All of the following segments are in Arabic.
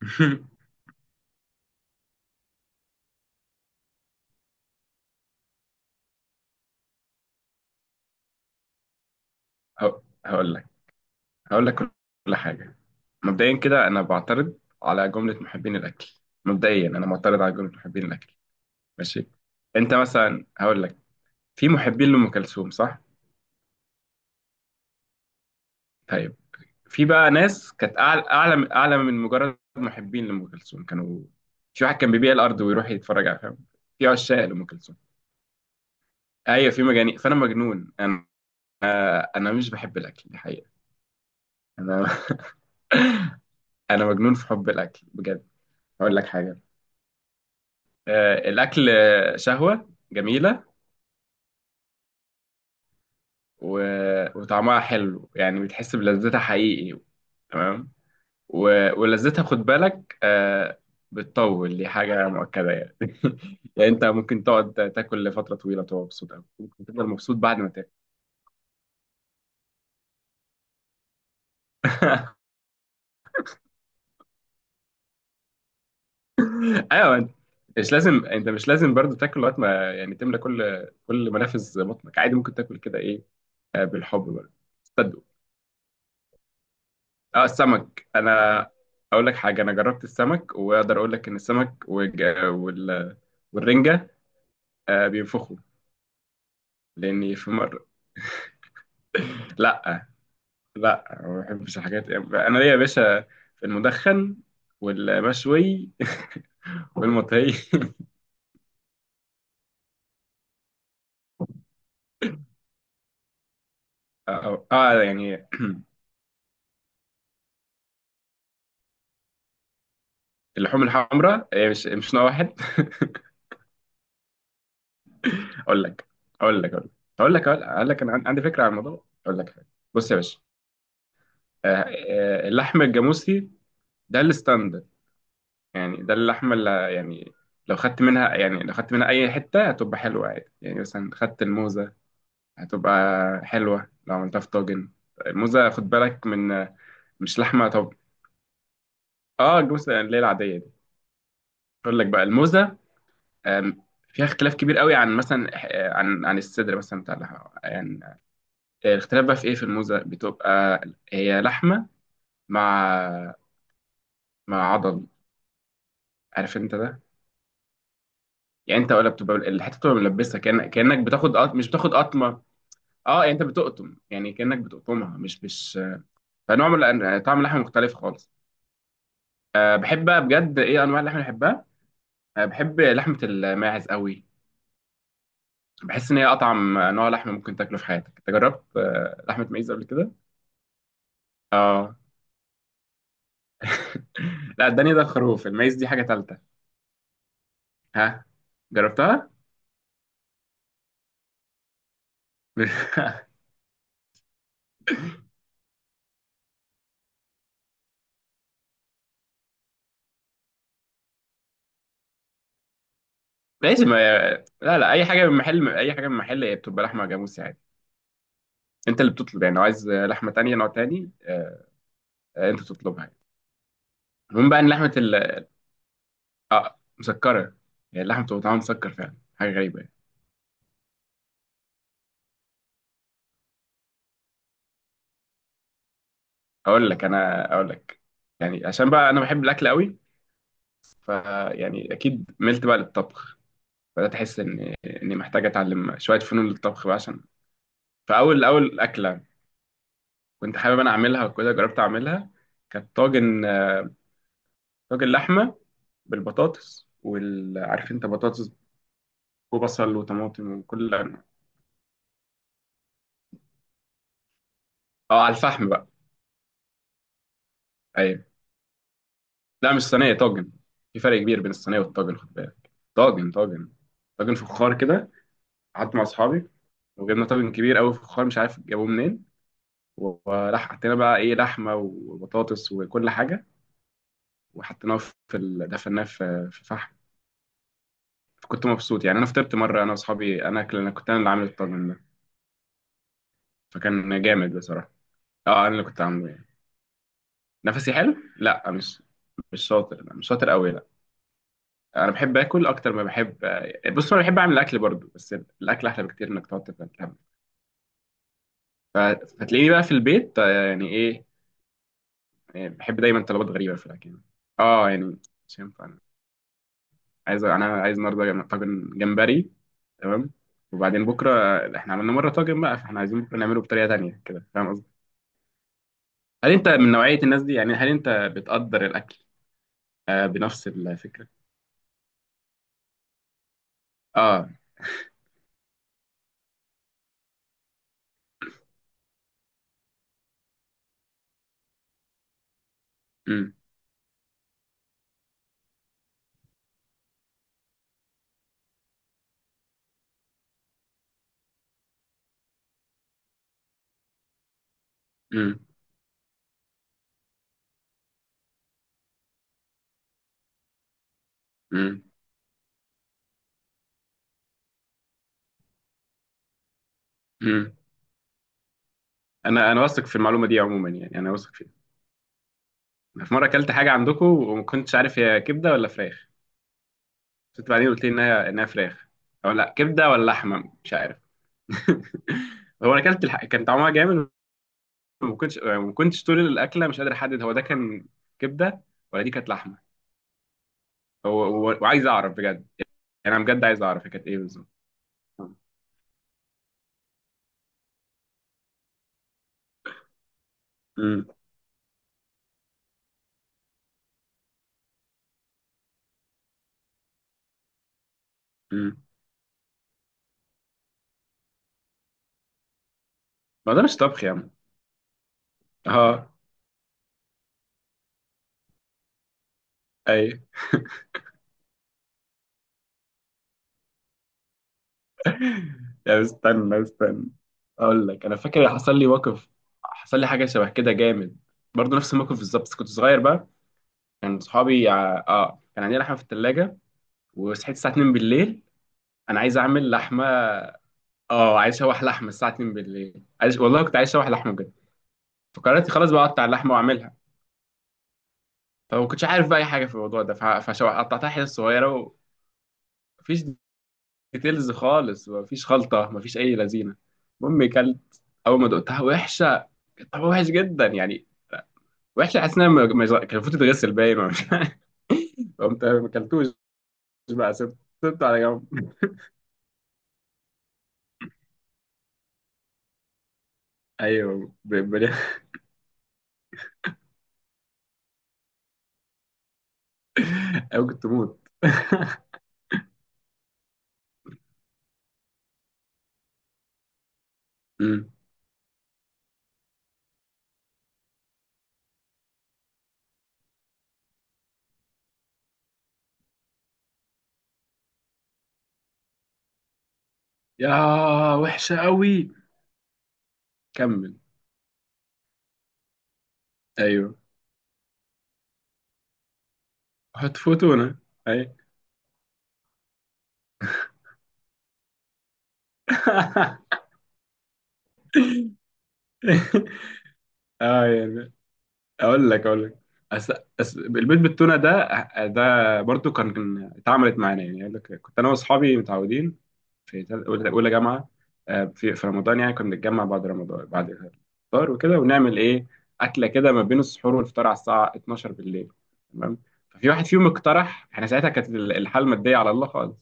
هق- هقول لك هقول لك كل حاجة. مبدئيا كده أنا بعترض على جملة محبين الأكل. مبدئيا أنا معترض على جملة محبين الأكل. ماشي. أنت مثلا هقول لك، في محبين لأم كلثوم صح؟ طيب، في بقى ناس كانت أعلى أعلى أعلى من مجرد محبين لأم كلثوم، كانوا، في واحد كان بيبيع الأرض ويروح يتفرج على، فاهم؟ في عشاق لأم كلثوم. أيوة، في مجانين، فأنا مجنون أنا. أنا مش بحب الأكل، دي حقيقة. أنا أنا مجنون في حب الأكل بجد. هقول لك حاجة. الأكل، شهوة جميلة. و- وطعمها حلو، يعني بتحس بلذتها حقيقي. تمام. و- ولذتها خد بالك، بتطول، دي حاجة مؤكدة يعني. يعني أنت ممكن تقعد تاكل لفترة طويلة وتبقى مبسوط أوي، ممكن تفضل مبسوط بعد ما تاكل. أيوه. أنت مش لازم برضو تاكل لغاية ما، يعني تملى كل منافذ بطنك، عادي ممكن تاكل كده إيه. بالحب برضه، تصدق. اه، السمك، انا اقول لك حاجه، انا جربت السمك واقدر اقول لك ان السمك والج... وال... والرنجه آه بينفخوا. لاني في مره، لا لا، ما بحبش الحاجات، انا ليا يا باشا في المدخن والمشوي والمطهي. اه، يعني اللحوم الحمراء هي مش نوع واحد. اقول لك اقول لك اقول لك اقول لك اقول لك انا عن- عندي فكره عن الموضوع. اقول لك حاجه، بص يا باشا. آه، اللحم الجاموسي، ده الستاندرد، يعني ده اللحمة اللي، يعني لو خدت منها، يعني لو خدت منها أي حتة هتبقى حلوة عادي. يعني مثلا خدت الموزة، هتبقى حلوة لو عملتها في طاجن. الموزة خد بالك من، مش لحمة طب. اه الجوزة اللي هي العادية دي. أقول لك بقى الموزة، آم، فيها اختلاف كبير قوي عن مثلا، عن الصدر مثلا بتاع اللحمة يعني. الاختلاف بقى في ايه، في الموزة بتبقى هي لحمة، مع، مع عضل، عارف انت ده. يعني انت، ولا بتبقى الحته بتبقى ملبسه، كأن... كانك بتاخد قط...، مش بتاخد قطمه. اه يعني انت بتقطم، يعني كانك بتقطمها مش. فنوع من الأن-، طعم اللحمه مختلف خالص. أه بحب بقى بجد، ايه انواع اللحمه اللي بحبها. أه بحب لحمه الماعز قوي. بحس ان هي اطعم نوع لحمه ممكن تاكله في حياتك. انت جربت لحمه ماعز قبل كده؟ اه. لا الدنيا ده خروف، الماعز دي حاجه ثالثه. ها، جربتها؟ ماشي، ما، لا لا، اي حاجه من محل، اي حاجه من محل هي بتبقى لحمه جاموسي عادي. انت اللي بتطلب يعني، لو عايز لحمه تانية نوع تاني، انت تطلبها يعني. المهم بقى ان لحمه، اه، مسكره، يعني اللحمه بتبقى طعمها مسكر فعلا، حاجه غريبه يعني. اقول لك، يعني عشان بقى انا بحب الاكل قوي. ف، يعني اكيد ملت بقى للطبخ، بدات احس ان اني محتاج اتعلم شويه فنون للطبخ بقى عشان. فاول اكله كنت حابب انا اعملها وكده، جربت اعملها. كانت طاجن، طاجن لحمه بالبطاطس وال، عارف انت بطاطس وبصل وطماطم وكل. اه على الفحم بقى. أيوة. لا مش صينيه، طاجن. في فرق كبير بين الصينيه والطاجن خد بالك، طاجن، طاجن فخار كده. قعدت مع اصحابي وجبنا طاجن كبير قوي فخار، مش عارف جابوه منين. وراح حطينا بقى ايه، لحمه وبطاطس وكل حاجه، وحطيناه في ال...، دفناه في فحم. كنت مبسوط يعني، انا فطرت مره انا واصحابي، انا اكل، انا كنت انا اللي عامل الطاجن ده، فكان جامد بصراحه. اه انا اللي كنت عامله يعني. نفسي حلو، لا مش، مش شاطر، لا مش شاطر قوي لا. انا بحب اكل اكتر ما بحب، بص انا بحب اعمل الاكل برضو، بس الاكل احلى بكتير انك تقعد تتعب. ف-، فتلاقيني بقى في البيت يعني ايه. بحب دايما طلبات غريبه في الاكل. اه يعني، مش ينفع، انا عايز، انا عايز النهارده جم-، طاجن جمبري. تمام. وبعدين بكره، احنا عملنا مره طاجن بقى، فاحنا عايزين بكره نعمله بطريقه تانية كده، فاهم قصدي؟ هل انت من نوعيه الناس دي، يعني هل انت بتقدر الاكل بنفس الفكره؟ اه، امم امم امم امم. انا واثق في المعلومه دي عموما، يعني انا واثق. في مره اكلت حاجه عندكم وما كنتش عارف هي كبده ولا فراخ. كنت بعدين قلت لي انها فراخ، او لا، كبده ولا لحمه مش عارف. هو انا اكلت الح...، كان طعمها جامد، وما كنتش، ما كنتش طول الاكله مش قادر احدد هو ده كان كبده، ولا دي كانت لحمه. هو هو-، وعايز اعرف بجد، يعني انا بجد عايز اعرف هي كانت ايه بالظبط. امم امم. ما ده مش طبخ يا عم. اه اي. لا استنى استنى، اقول لك، انا فاكر حصل لي موقف، حصل لي حاجه شبه كده جامد برضه، نفس الموقف بالظبط، بس كنت صغير بقى. كان صحابي ع-، اه كان عندي لحمه في الثلاجه، وصحيت الساعه 2 بالليل. انا عايز اعمل لحمه. اه عايز اشوح لحمه الساعه 2 بالليل، عايز، والله كنت عايز اشوح لحمه بجد. فقررت خلاص بقى اقطع اللحمه واعملها. فما كنتش عارف بقى اي حاجه في الموضوع ده، فقطعتها حتت صغيره. ومفيش ديتيلز خالص، مفيش خلطة، مفيش أي لذينة. المهم كلت، أول ما دقتها وحشة، كانت طعمها وحش جدا يعني. وحشة، حاسس إنها م- م-، كان المفروض تتغسل باين، ولا مش عارف. قمت ما أكلتوش بقى، سبت، سبته على جنب. أيوه ب- ب-. أيوه كنت موت. أمم. يا، وحشة أوي، كمل. أيوه حط فوتونة أيوه. يعني، اقول لك، أس...، أس...، البيت بالتونه ده، ده برضو كان، كان اتعملت معانا يعني. اقول لك، كنت انا واصحابي متعودين في تل-، أولى جامعه، في رمضان يعني، كنا بنتجمع بعد رمضان بعد الفطار وكده ونعمل ايه، اكله كده ما بين السحور والفطار على الساعه 12 بالليل. تمام. ففي واحد فيهم اقترح، احنا ساعتها كانت ال-، الحال الماديه على الله خالص.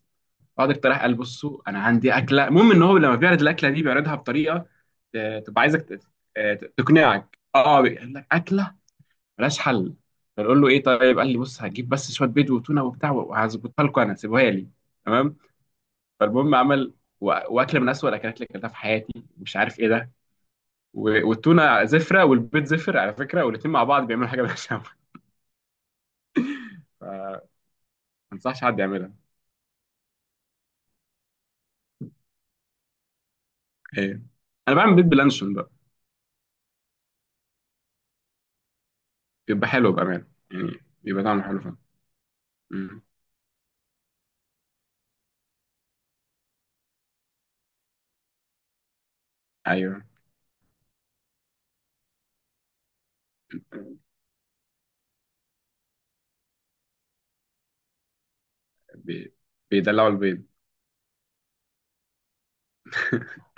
واحد اقترح قال بصوا انا عندي اكله، المهم ان هو لما بيعرض الاكله دي بيعرضها بطريقه تبقى عايزك ت-، تقنعك، اه قال لك اكله ملهاش حل. فنقول له ايه، طيب قال لي بص هتجيب بس شويه بيض وتونه وبتاع، وهظبطها لكم انا، سيبوها لي. تمام. فالمهم عمل و- واكله من اسوأ الاكلات اللي اكلتها في حياتي، مش عارف ايه ده، و- والتونه زفره، والبيض زفر على فكره، والاثنين مع بعض بيعملوا حاجه ملهاش. ما انصحش حد يعملها. ايه، انا بعمل بيض بلانشون بقى، بيبقى حلو بامانه، يعني بيبقى طعمه حلو فعلا. مم. ايوه، بي-، بيدلعوا البيض.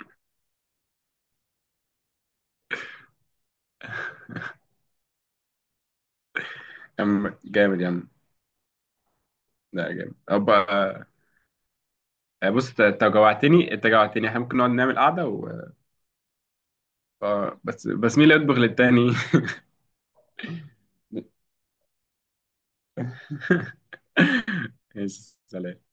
أم- جامد يا عم. لا جامد. طب بص انت، أنت جوعتني، احنا ممكن نقعد نعمل قعده و...، اه بس مين اللي يطبخ للتاني. يا سلام